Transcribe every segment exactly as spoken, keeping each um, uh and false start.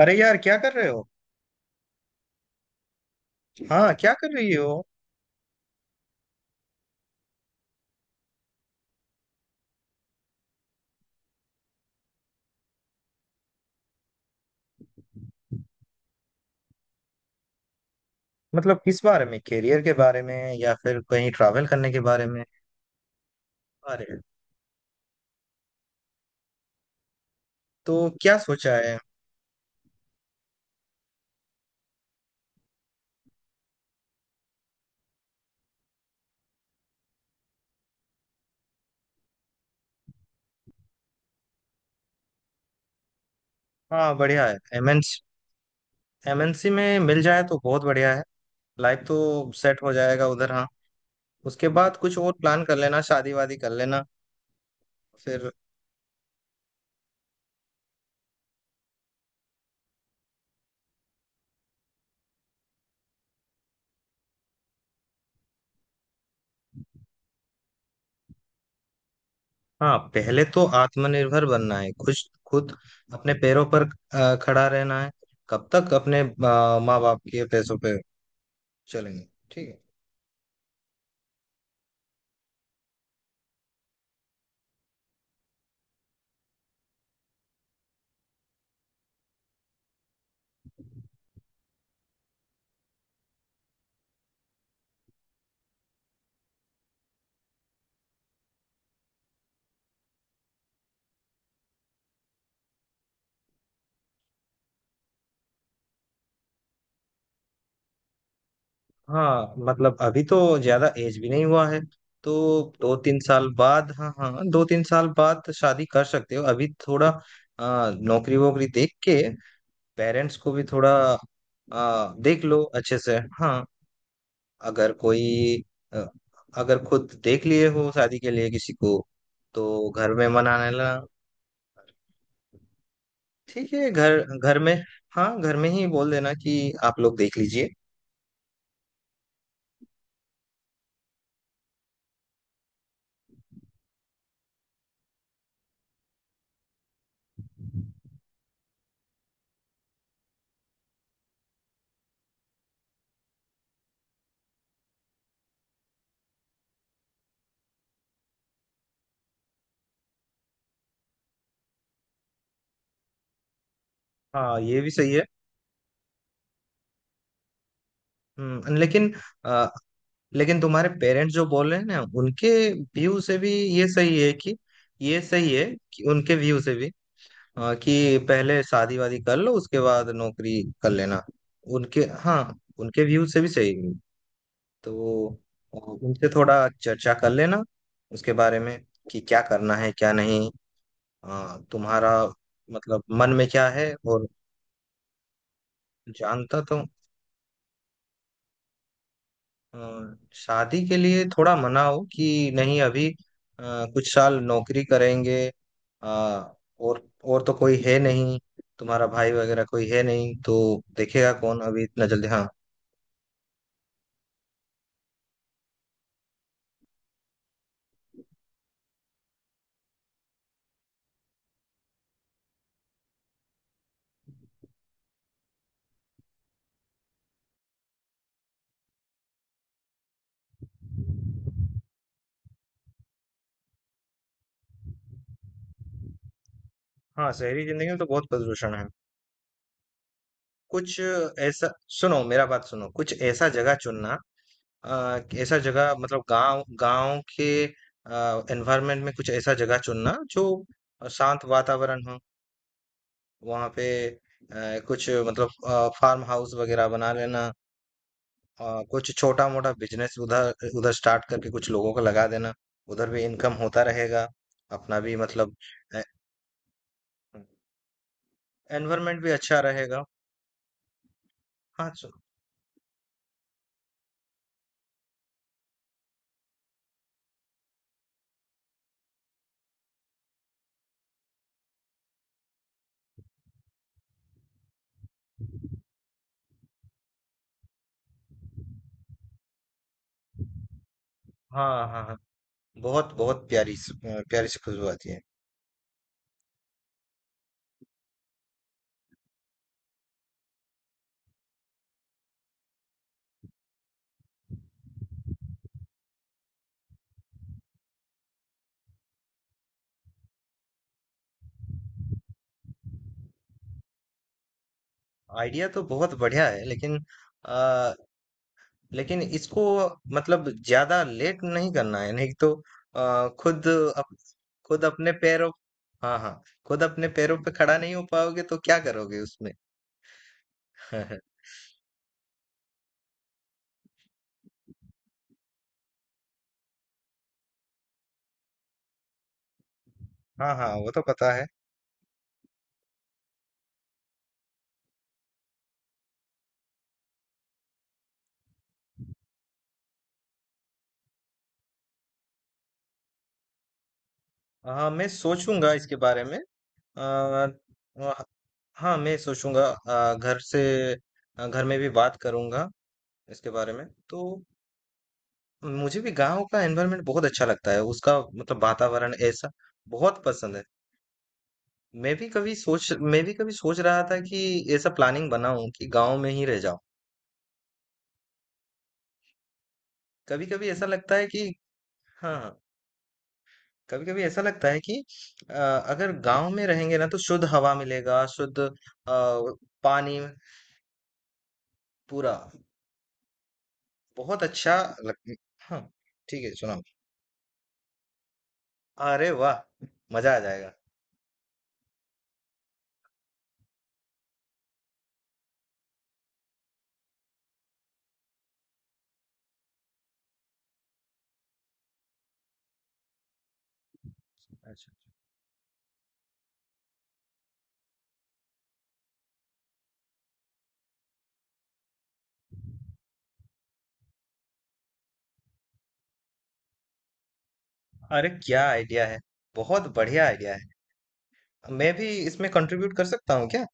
अरे यार, क्या कर रहे हो। हाँ, क्या कर रही हो। मतलब किस बारे में? करियर के बारे में या फिर कहीं ट्रैवल करने के बारे में? अरे, तो क्या सोचा है। हाँ, बढ़िया है एमएनसी। एमएनसी में मिल जाए तो बहुत बढ़िया है। लाइफ तो सेट हो जाएगा उधर। हाँ, उसके बाद कुछ और प्लान कर लेना, शादी वादी कर लेना। फिर। हाँ, पहले तो आत्मनिर्भर बनना है खुद खुद अपने पैरों पर, अ, खड़ा रहना है। कब तक अपने माँ बाप के पैसों पे चलेंगे। ठीक है। हाँ मतलब, अभी तो ज्यादा एज भी नहीं हुआ है तो। दो तीन साल बाद, हाँ हाँ, दो तीन साल बाद शादी कर सकते हो। अभी थोड़ा आ, नौकरी वोकरी देख के। पेरेंट्स को भी थोड़ा आ, देख लो अच्छे से। हाँ, अगर कोई, अ, अगर खुद देख लिए हो शादी के लिए किसी को तो घर में मनाने ला। ठीक है, घर, घर में। हाँ, घर में ही बोल देना कि आप लोग देख लीजिए। हाँ, ये भी सही है। हम्म, लेकिन, लेकिन तुम्हारे पेरेंट्स जो बोल रहे हैं ना उनके व्यू से भी ये सही है कि, ये सही है कि उनके व्यू से भी आ, कि पहले शादी वादी कर लो उसके बाद नौकरी कर लेना। उनके, हाँ, उनके व्यू से भी सही है तो। आ, उनसे थोड़ा चर्चा कर लेना उसके बारे में, कि क्या करना है क्या नहीं। आ, तुम्हारा मतलब मन में क्या है। और जानता तो, अ, शादी के लिए थोड़ा मना हो कि नहीं अभी। अ, कुछ साल नौकरी करेंगे। अ, और और तो कोई है नहीं, तुम्हारा भाई वगैरह कोई है नहीं तो देखेगा कौन अभी इतना जल्दी। हाँ। हाँ, शहरी जिंदगी में तो बहुत प्रदूषण है। कुछ ऐसा, सुनो मेरा बात सुनो, कुछ ऐसा जगह चुनना। अ, ऐसा जगह मतलब गांव, गांव के एनवायरमेंट में, कुछ ऐसा जगह चुनना जो शांत वातावरण हो। वहाँ पे अ, कुछ मतलब फार्म हाउस वगैरह बना लेना। अ, कुछ छोटा मोटा बिजनेस उधर, उधर स्टार्ट करके कुछ लोगों को लगा देना। उधर भी इनकम होता रहेगा, अपना भी मतलब एनवायरनमेंट भी अच्छा रहेगा। हाँ सु- हाँ हाँ हाँ, बहुत बहुत प्यारी सु- अ, प्यारी सी खुशबू आती है। आइडिया तो बहुत बढ़िया है, लेकिन, लेकिन इसको मतलब ज्यादा लेट नहीं करना है, नहीं तो आ, खुद अप, खुद अपने पैरों, हाँ हाँ, खुद अपने पैरों पे खड़ा नहीं हो पाओगे तो क्या करोगे उसमें। हाँ हाँ, वो तो पता है। हाँ, मैं सोचूंगा इसके बारे में। आ, वह- हाँ, मैं सोचूंगा। आ, घर से, आ, घर में भी बात करूंगा इसके बारे में तो। मुझे भी गांव का एनवायरनमेंट बहुत अच्छा लगता है, उसका मतलब वातावरण ऐसा बहुत पसंद है। मैं भी कभी सोच मैं भी कभी सोच रहा था कि ऐसा प्लानिंग बनाऊं कि गांव में ही रह जाऊं। कभी कभी ऐसा लगता है कि। हाँ। कभी कभी ऐसा लगता है कि अ, अगर गांव में रहेंगे ना तो शुद्ध हवा मिलेगा, शुद्ध अ, पानी। पूरा बहुत अच्छा लग। हाँ ठीक है, सुनाओ। अरे वाह, मजा आ जाएगा। अच्छा। अरे क्या आइडिया है, बहुत बढ़िया आइडिया है। मैं भी इसमें कंट्रीब्यूट कर सकता हूँ क्या।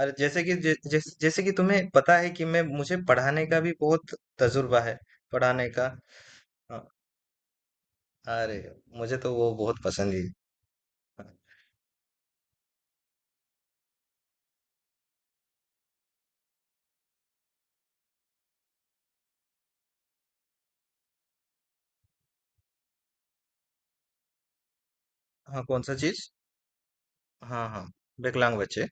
और जैसे कि जै, जैसे जैसे कि तुम्हें पता है कि मैं मुझे पढ़ाने का भी बहुत तजुर्बा है। पढ़ाने का, हाँ। अरे, मुझे तो वो बहुत पसंद है। हाँ। हाँ, कौन सा चीज। हाँ हाँ, विकलांग बच्चे।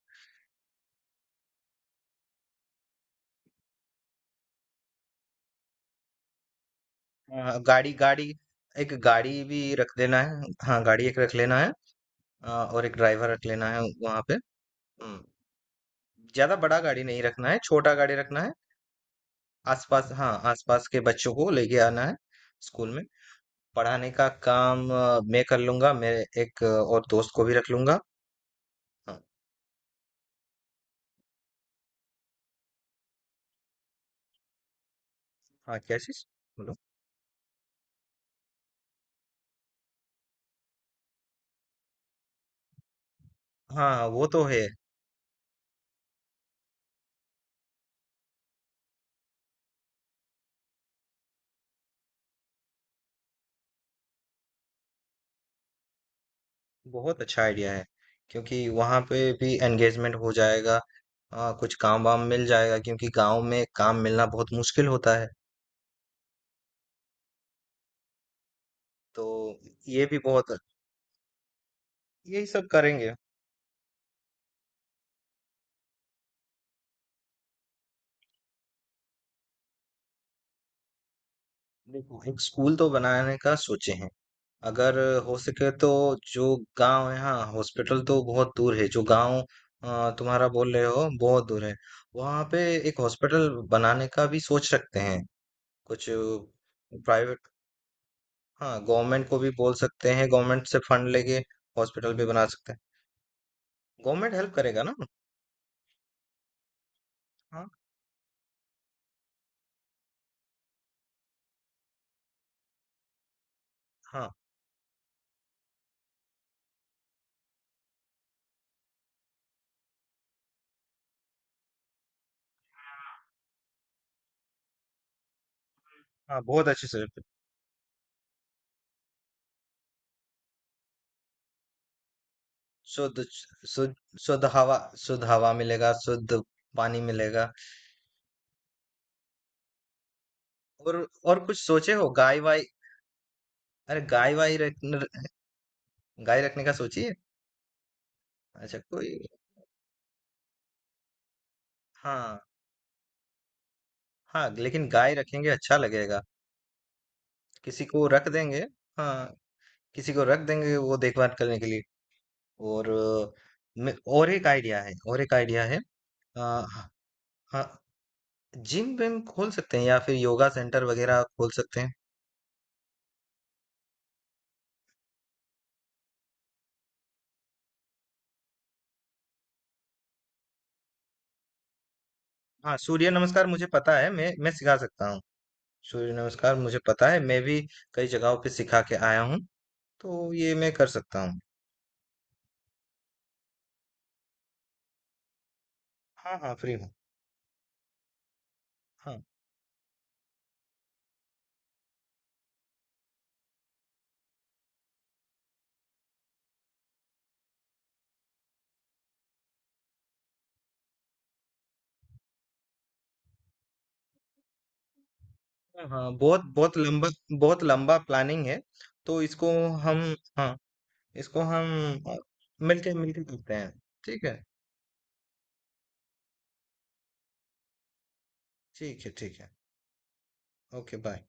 हाँ। हाँ, गाड़ी गाड़ी, एक गाड़ी भी रख देना है, हाँ, गाड़ी एक रख लेना है। हाँ, और एक ड्राइवर रख लेना है वहां पे। हम्म, ज्यादा बड़ा गाड़ी नहीं रखना है, छोटा गाड़ी रखना है। आसपास, हाँ, आसपास के बच्चों को लेके आना है स्कूल में। पढ़ाने का काम अ, मैं कर लूंगा, मेरे एक अ, और दोस्त को भी रख लूंगा। हाँ। हाँ क्या चीज, बोलो। हाँ हाँ, वो तो है। बहुत अच्छा आइडिया है, क्योंकि वहां पे भी एंगेजमेंट हो जाएगा। हाँ, कुछ काम वाम मिल जाएगा, क्योंकि गांव में काम मिलना बहुत मुश्किल होता है तो। ये भी बहुत। यही सब करेंगे। देखो, एक स्कूल तो बनाने का सोचे हैं। अगर हो सके तो जो गांव है, हाँ, हॉस्पिटल तो बहुत दूर है, जो गांव अ, तुम्हारा बोल रहे हो बहुत दूर है, वहां पे एक हॉस्पिटल बनाने का भी सोच सकते हैं। कुछ प्राइवेट, हाँ, गवर्नमेंट को भी बोल सकते हैं, गवर्नमेंट से फंड लेके हॉस्पिटल भी बना सकते हैं। गवर्नमेंट हेल्प करेगा ना। हाँ। हाँ, हाँ, बहुत अच्छे से। शुद्ध, शुद्ध, शुद्ध हवा, शुद्ध हवा मिलेगा, शुद्ध पानी मिलेगा। और और कुछ सोचे हो? गाय वाय? अरे, गाय वाय रख- गाय रखने का सोचिए। अच्छा कोई। हाँ, हाँ, लेकिन गाय रखेंगे अच्छा लगेगा। किसी को रख देंगे, हाँ, किसी को रख देंगे वो देखभाल करने के लिए। और अ, मे- और एक आइडिया है, और एक आइडिया है। अ, हाँ। हाँ, जिम विम खोल सकते हैं, या फिर योगा सेंटर वगैरह खोल सकते हैं। हाँ सूर्य नमस्कार मुझे पता है, मैं मैं सिखा सकता हूँ। सूर्य नमस्कार मुझे पता है, मैं भी कई जगहों पे सिखा के आया हूँ, तो ये मैं कर सकता हूँ। हाँ हाँ, फ्री हूँ। हाँ। हाँ हाँ, बहुत बहुत लंबा, बहुत लंबा प्लानिंग है। तो इसको हम, हाँ, इसको हम अ, मिलके मिलके करते हैं। ठीक है। ठीक है, ठीक है। Okay bye.